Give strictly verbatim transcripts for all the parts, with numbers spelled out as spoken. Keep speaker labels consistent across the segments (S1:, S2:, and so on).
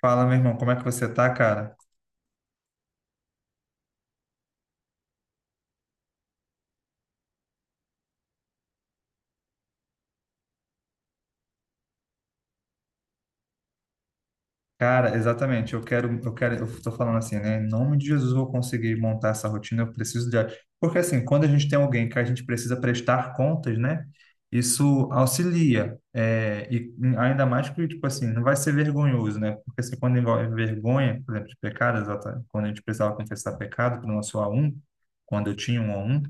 S1: Fala, meu irmão, como é que você tá, cara? Cara, exatamente, eu quero, eu quero, eu tô falando assim, né? Em nome de Jesus, eu vou conseguir montar essa rotina, eu preciso de... Porque assim, quando a gente tem alguém que a gente precisa prestar contas, né? Isso auxilia, é, e ainda mais que, tipo assim, não vai ser vergonhoso, né? Porque assim, quando envolve vergonha, por exemplo, de pecado, exatamente, quando a gente precisava confessar pecado para o nosso A um, quando eu tinha um A um,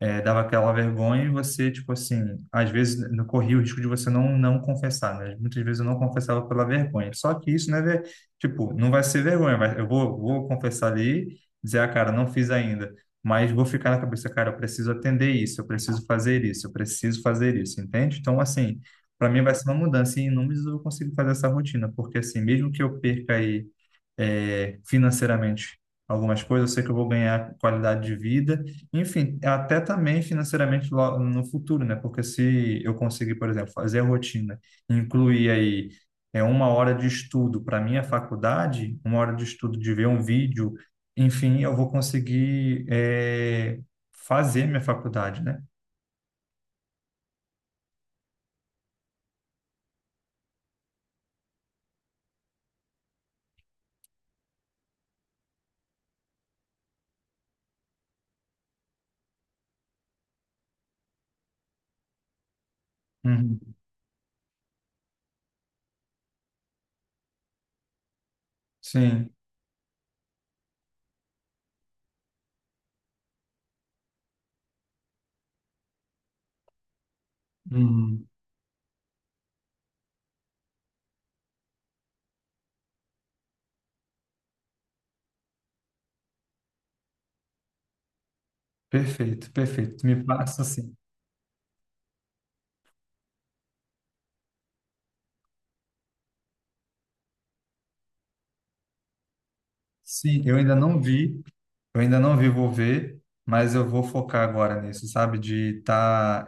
S1: é, dava aquela vergonha e você, tipo assim, às vezes não corria o risco de você não, não confessar, né? Muitas vezes eu não confessava pela vergonha. Só que isso não é, ver- tipo, não vai ser vergonha, vai, eu vou, vou confessar ali, dizer, ah, cara, não fiz ainda, mas vou ficar na cabeça, cara, eu preciso atender isso, eu preciso fazer isso, eu preciso fazer isso, entende? Então, assim, para mim vai ser uma mudança e em números eu vou conseguir fazer essa rotina, porque assim, mesmo que eu perca aí é, financeiramente algumas coisas, eu sei que eu vou ganhar qualidade de vida, enfim, até também financeiramente lo- no futuro, né? Porque se eu conseguir, por exemplo, fazer a rotina, incluir aí é, uma hora de estudo para minha faculdade, uma hora de estudo de ver um vídeo, enfim, eu vou conseguir é, fazer minha faculdade, né? Uhum. Sim. Uhum. Perfeito, perfeito. Me passa assim. Sim, eu ainda não vi. Eu ainda não vi, vou ver, mas eu vou focar agora nisso, sabe? De estar,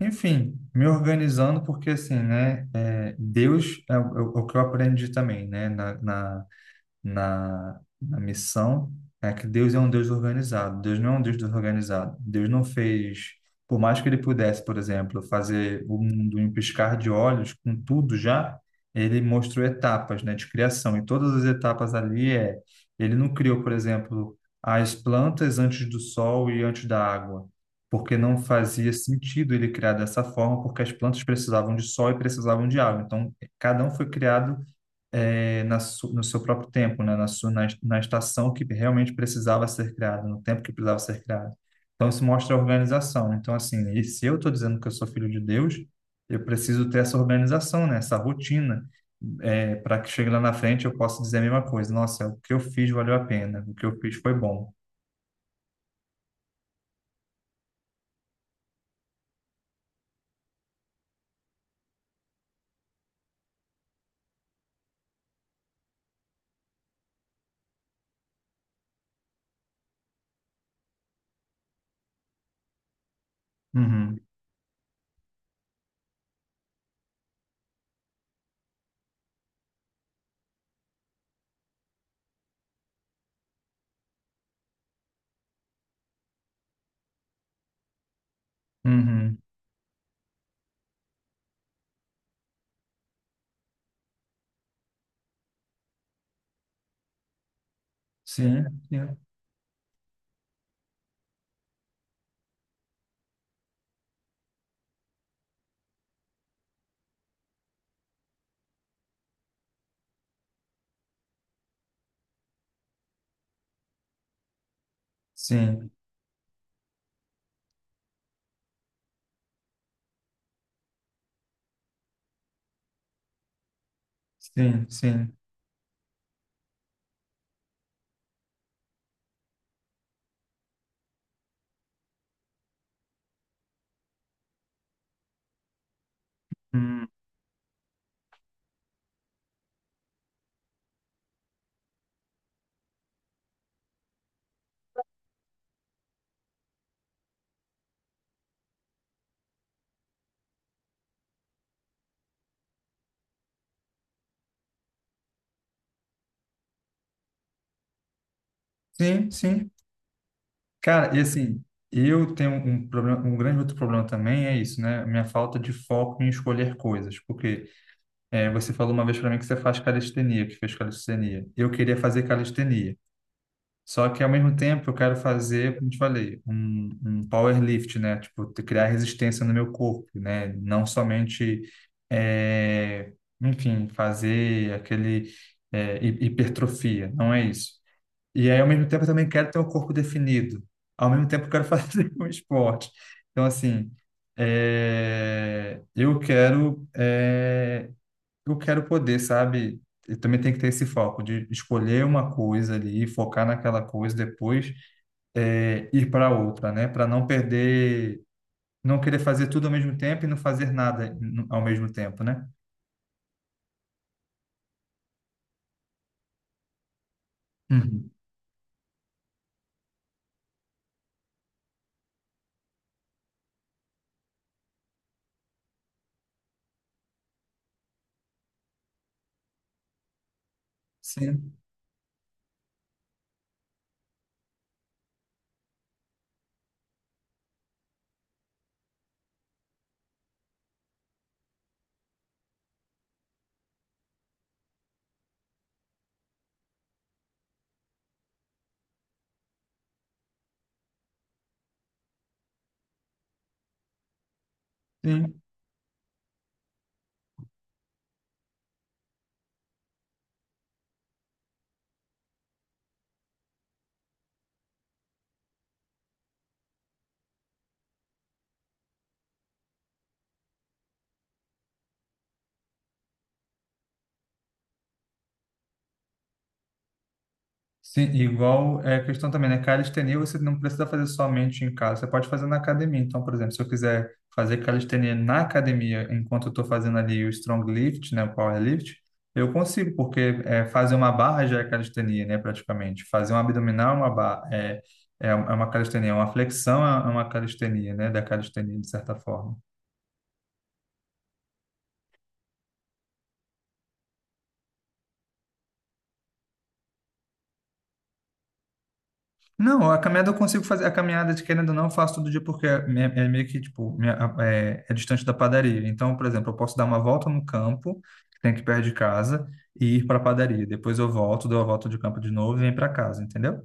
S1: enfim, me organizando, porque assim, né? é, Deus é o, é o que eu aprendi também, né? Na, na, na, na missão é que Deus é um Deus organizado. Deus não é um Deus desorganizado. Deus não fez, por mais que ele pudesse, por exemplo, fazer o mundo em um piscar de olhos, com tudo já, ele mostrou etapas, né, de criação. E todas as etapas ali é, ele não criou, por exemplo, as plantas antes do sol e antes da água. Porque não fazia sentido ele criar dessa forma, porque as plantas precisavam de sol e precisavam de água. Então, cada um foi criado eh, na su- no seu próprio tempo, né? Na, su- na, na estação que realmente precisava ser criada, no tempo que precisava ser criada. Então, isso mostra a organização, né? Então, assim, e se eu estou dizendo que eu sou filho de Deus, eu preciso ter essa organização, né? Essa rotina, é, para que chegue lá na frente eu possa dizer a mesma coisa. Nossa, o que eu fiz valeu a pena, o que eu fiz foi bom. Uhum, uhum. Sim, sim, sim, sim, sim. Hum. Sim, sim. Cara, e assim, eu tenho um problema, um grande outro problema também é isso, né? Minha falta de foco em escolher coisas. Porque é, você falou uma vez para mim que você faz calistenia, que fez calistenia. Eu queria fazer calistenia. Só que ao mesmo tempo eu quero fazer, como te falei, um, um power lift, né? Tipo, te- criar resistência no meu corpo, né? Não somente, é, enfim, fazer aquele é, hi- hipertrofia. Não é isso. E aí, ao mesmo tempo, eu também quero ter um corpo definido. Ao mesmo tempo, eu quero fazer um esporte. Então, assim, é, eu quero, é, eu quero poder, sabe? Eu também tenho que ter esse foco de escolher uma coisa ali, focar naquela coisa, depois é, ir para outra, né? Para não perder, não querer fazer tudo ao mesmo tempo e não fazer nada ao mesmo tempo, né? Uhum. Sim, sim. Sim, igual é a questão também, né? Calistenia você não precisa fazer somente em casa, você pode fazer na academia. Então, por exemplo, se eu quiser fazer calistenia na academia, enquanto eu estou fazendo ali o strong lift, né, o power lift, eu consigo, porque é, fazer uma barra já é calistenia, né, praticamente. Fazer um abdominal é uma barra, é, é é uma calistenia, uma flexão é é uma calistenia, né, da calistenia, de certa forma. Não, a caminhada eu consigo fazer. A caminhada, de querendo ou não, eu faço todo dia porque é, me- é meio que, tipo, me- a- é, é distante da padaria. Então, por exemplo, eu posso dar uma volta no campo, que tem aqui perto de casa, e ir para a padaria. Depois eu volto, dou a volta de campo de novo e venho para casa, entendeu?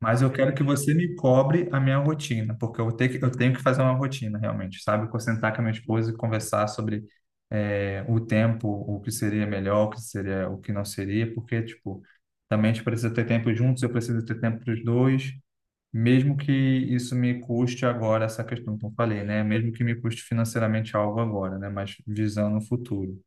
S1: Mas eu quero que você me cobre a minha rotina, porque eu vou ter que, eu tenho que fazer uma rotina, realmente, sabe? Vou sentar com a minha esposa e conversar sobre, é, o tempo, o que seria melhor, o que seria, o que não seria, porque, tipo, também a gente precisa ter tempo juntos, eu preciso ter tempo para os dois. Mesmo que isso me custe agora essa questão que eu falei, né? Mesmo que me custe financeiramente algo agora, né? Mas visando o futuro.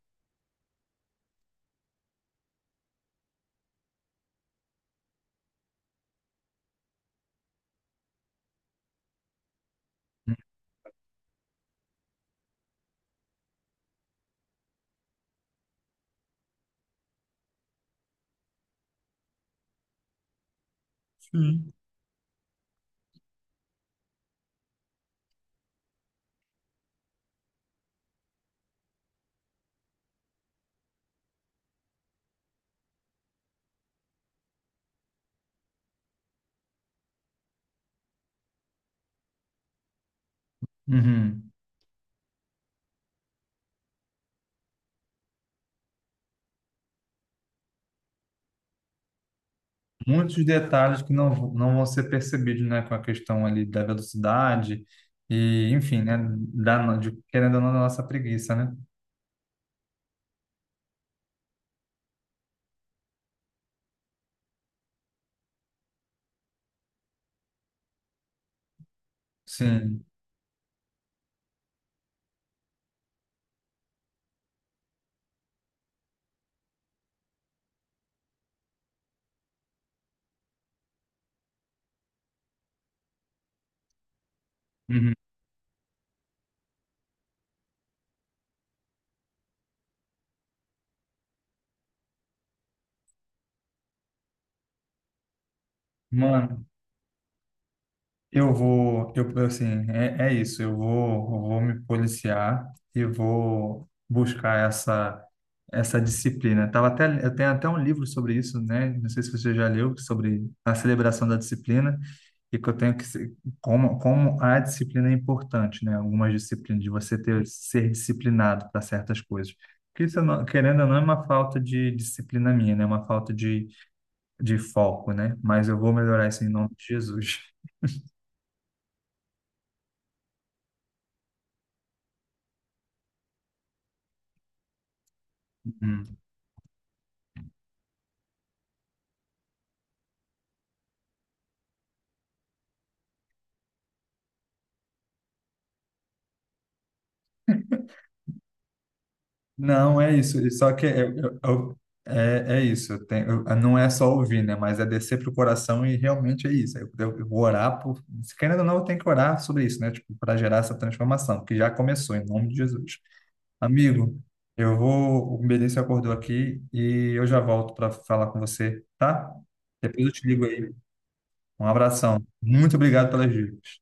S1: Uhum. Muitos detalhes que não, v- não vão ser percebidos, né? Com a questão ali da velocidade e, enfim, né? Da, no- de, querendo ou não, da nossa preguiça, né? Sim. Uhum. Mano, Eu vou, eu eu, assim, é, é isso. Eu vou, eu vou me policiar e vou buscar essa essa disciplina. Tava até, eu tenho até um livro sobre isso, né? Não sei se você já leu sobre a celebração da disciplina e que eu tenho que se- como como a disciplina é importante, né? Algumas disciplinas de você ter ser disciplinado para certas coisas. Porque isso, eu não- querendo ou não, é uma falta de disciplina minha, né? É uma falta de, de foco, né? Mas eu vou melhorar isso em nome de Jesus. Hum. Não, é isso. E só que eu- eu- eu- é, é isso. Eu tenho- eu- não é só ouvir, né? Mas é descer pro coração e realmente é isso. Eu, eu, eu vou orar por. Se Querendo ou não, eu tenho que orar sobre isso, né? Tipo, para gerar essa transformação, que já começou, em nome de Jesus. Amigo, eu vou. O Benício acordou aqui e eu já volto para falar com você, tá? Depois eu te ligo aí. Um abração. Muito obrigado pelas dicas.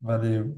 S1: Valeu.